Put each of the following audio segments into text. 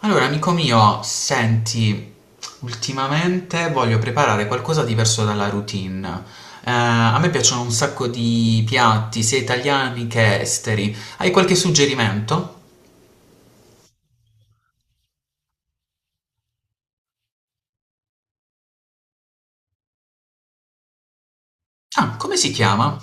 Allora, amico mio, senti, ultimamente voglio preparare qualcosa diverso dalla routine. A me piacciono un sacco di piatti, sia italiani che esteri. Hai qualche suggerimento? Ah, come si chiama?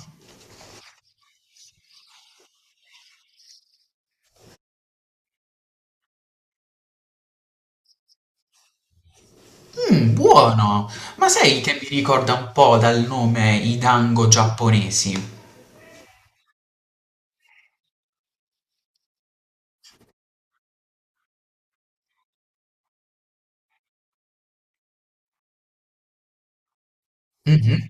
Mmm, buono! Ma sai che mi ricorda un po' dal nome i dango giapponesi? Mhm.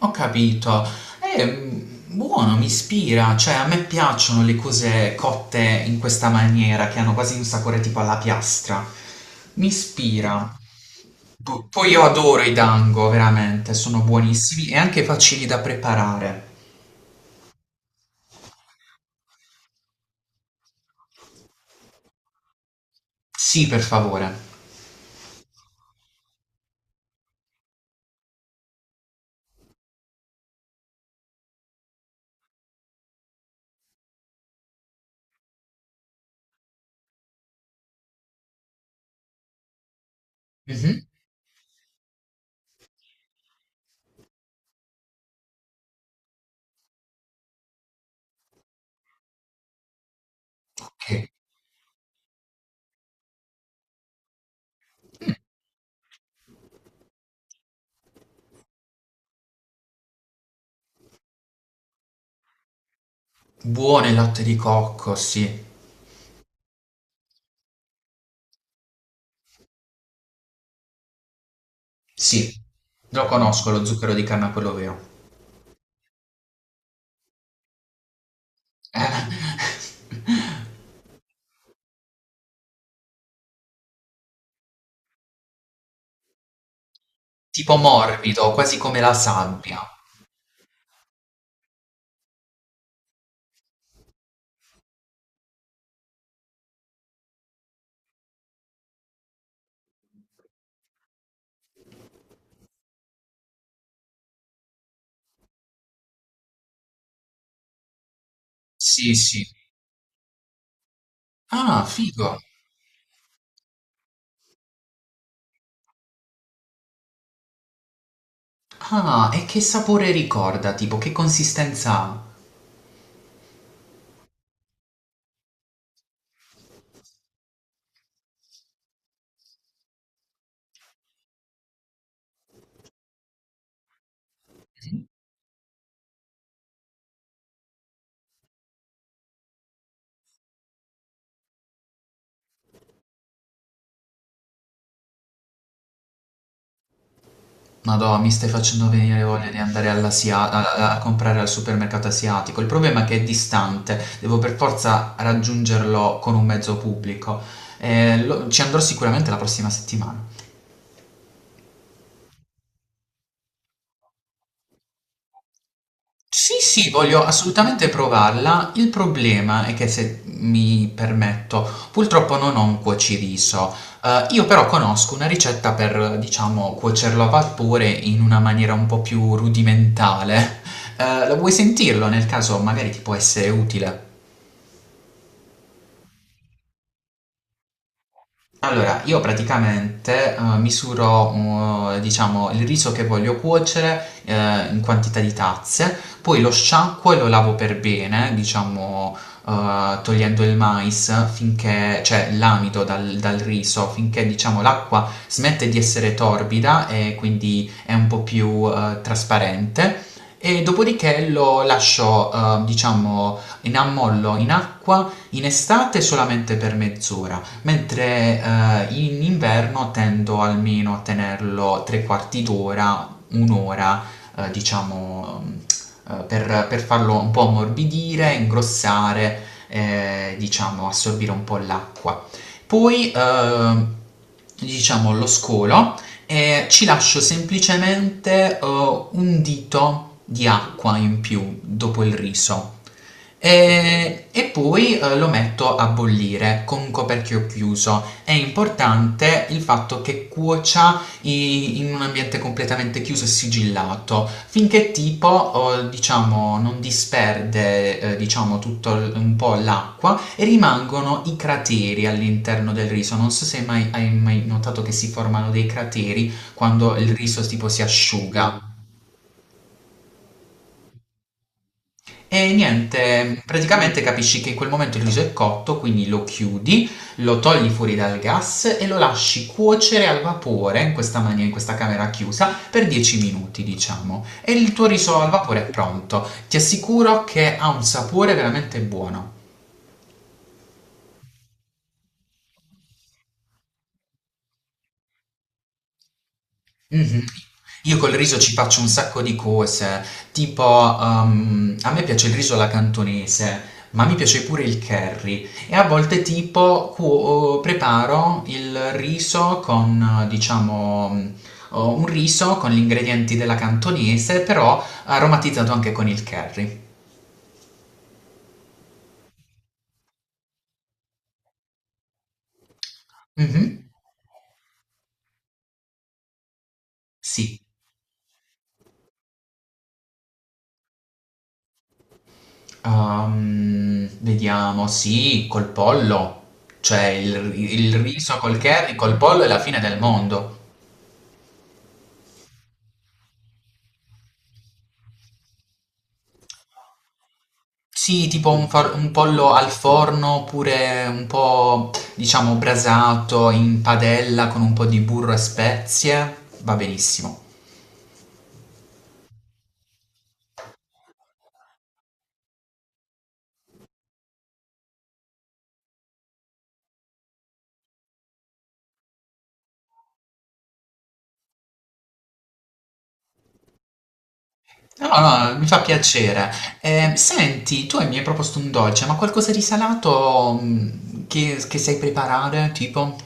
Ho capito. È buono, mi ispira, cioè a me piacciono le cose cotte in questa maniera, che hanno quasi un sapore tipo alla piastra. Mi ispira. Poi io adoro i dango, veramente, sono buonissimi e anche facili da preparare. Sì, per favore. Mhm. Ok. Mm. Buono il latte di cocco, sì. Sì, lo conosco lo zucchero di canna, quello vero. Eh. Tipo morbido, quasi come la sabbia. Sì, sì. Ah, figo. Ah, e che sapore ricorda? Tipo, che consistenza ha? Mhm. Madonna, mi stai facendo venire voglia di andare a, a comprare al supermercato asiatico. Il problema è che è distante, devo per forza raggiungerlo con un mezzo pubblico. Ci andrò sicuramente la prossima settimana. Sì, sì, voglio assolutamente provarla. Il problema è che se mi permetto, purtroppo non ho un cuociriso. Io però conosco una ricetta per, diciamo, cuocerlo a vapore in una maniera un po' più rudimentale. Lo vuoi sentirlo? Nel caso magari ti può essere utile. Allora, io praticamente misuro, diciamo, il riso che voglio cuocere in quantità di tazze, poi lo sciacquo e lo lavo per bene, diciamo, togliendo il mais finché, cioè l'amido dal riso, finché, diciamo, l'acqua smette di essere torbida e quindi è un po' più trasparente. E dopodiché lo lascio, diciamo, in ammollo in acqua in estate solamente per mezz'ora mentre in inverno tendo almeno a tenerlo 3 quarti d'ora, un'ora, diciamo, per farlo un po' ammorbidire, ingrossare, diciamo, assorbire un po' l'acqua. Poi, diciamo, lo scolo e ci lascio semplicemente un dito di acqua in più dopo il riso. E poi lo metto a bollire con un coperchio chiuso. È importante il fatto che cuocia in un ambiente completamente chiuso e sigillato, finché tipo, oh, diciamo, non disperde, diciamo, un po' l'acqua e rimangono i crateri all'interno del riso. Non so se mai, hai mai notato che si formano dei crateri quando il riso tipo si asciuga. E niente, praticamente capisci che in quel momento il riso è cotto, quindi lo chiudi, lo togli fuori dal gas e lo lasci cuocere al vapore in questa maniera, in questa camera chiusa, per 10 minuti, diciamo. E il tuo riso al vapore è pronto. Ti assicuro che ha un sapore veramente buono. Mh-mh. Io col riso ci faccio un sacco di cose, tipo, a me piace il riso alla cantonese, ma mi piace pure il curry e a volte tipo cuo preparo il riso con diciamo, un riso con gli ingredienti della cantonese, però aromatizzato anche con il curry. Mh-mh. Sì. Vediamo, sì, col pollo, cioè il riso col curry, col pollo è la fine del mondo. Sì, tipo un pollo al forno oppure un po', diciamo, brasato in padella con un po' di burro e spezie, va benissimo. No, no, no, mi fa piacere. Senti, tu mi hai proposto un dolce, ma qualcosa di salato che sai preparare? Tipo?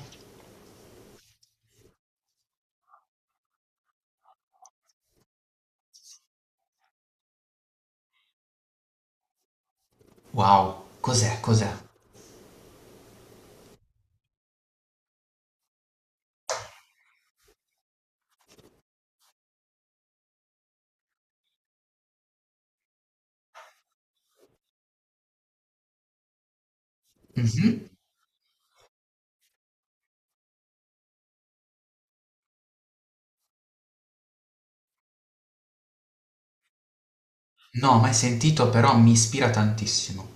Wow, cos'è? Cos'è? Mhm. No, mai sentito, però mi ispira tantissimo.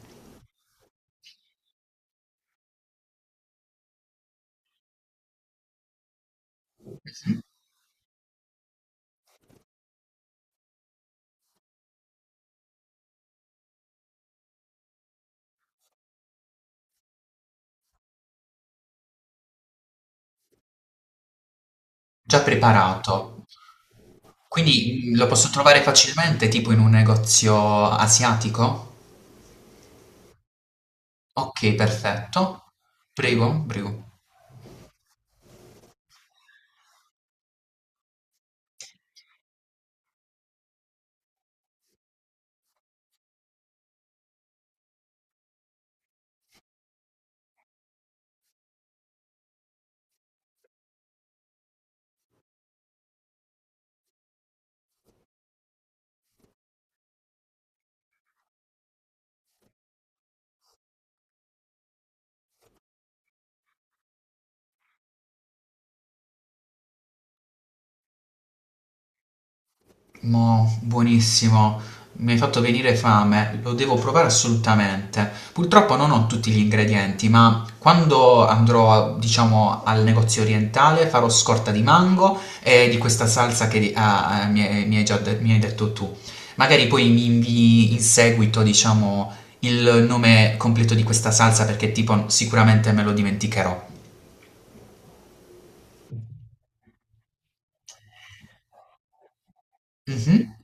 Già preparato. Quindi lo posso trovare facilmente, tipo in un negozio asiatico? Ok, perfetto. Prego, prego. Mo, buonissimo. Mi hai fatto venire fame, lo devo provare assolutamente. Purtroppo non ho tutti gli ingredienti, ma quando andrò, diciamo, al negozio orientale farò scorta di mango e di questa salsa che mi hai detto tu. Magari poi mi invii in seguito, diciamo, il nome completo di questa salsa perché tipo sicuramente me lo dimenticherò. Mhm.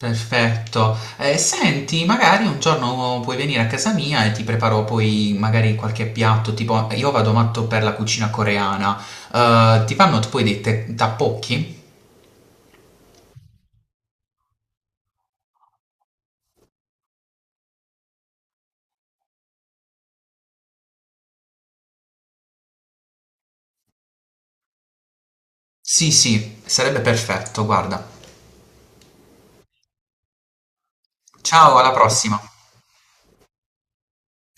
Perfetto. Senti, magari un giorno puoi venire a casa mia e ti preparo poi magari qualche piatto, tipo io vado matto per la cucina coreana. Ti fanno poi dei tappocchi? Sì, sì, sarebbe perfetto, guarda. Ciao, alla prossima.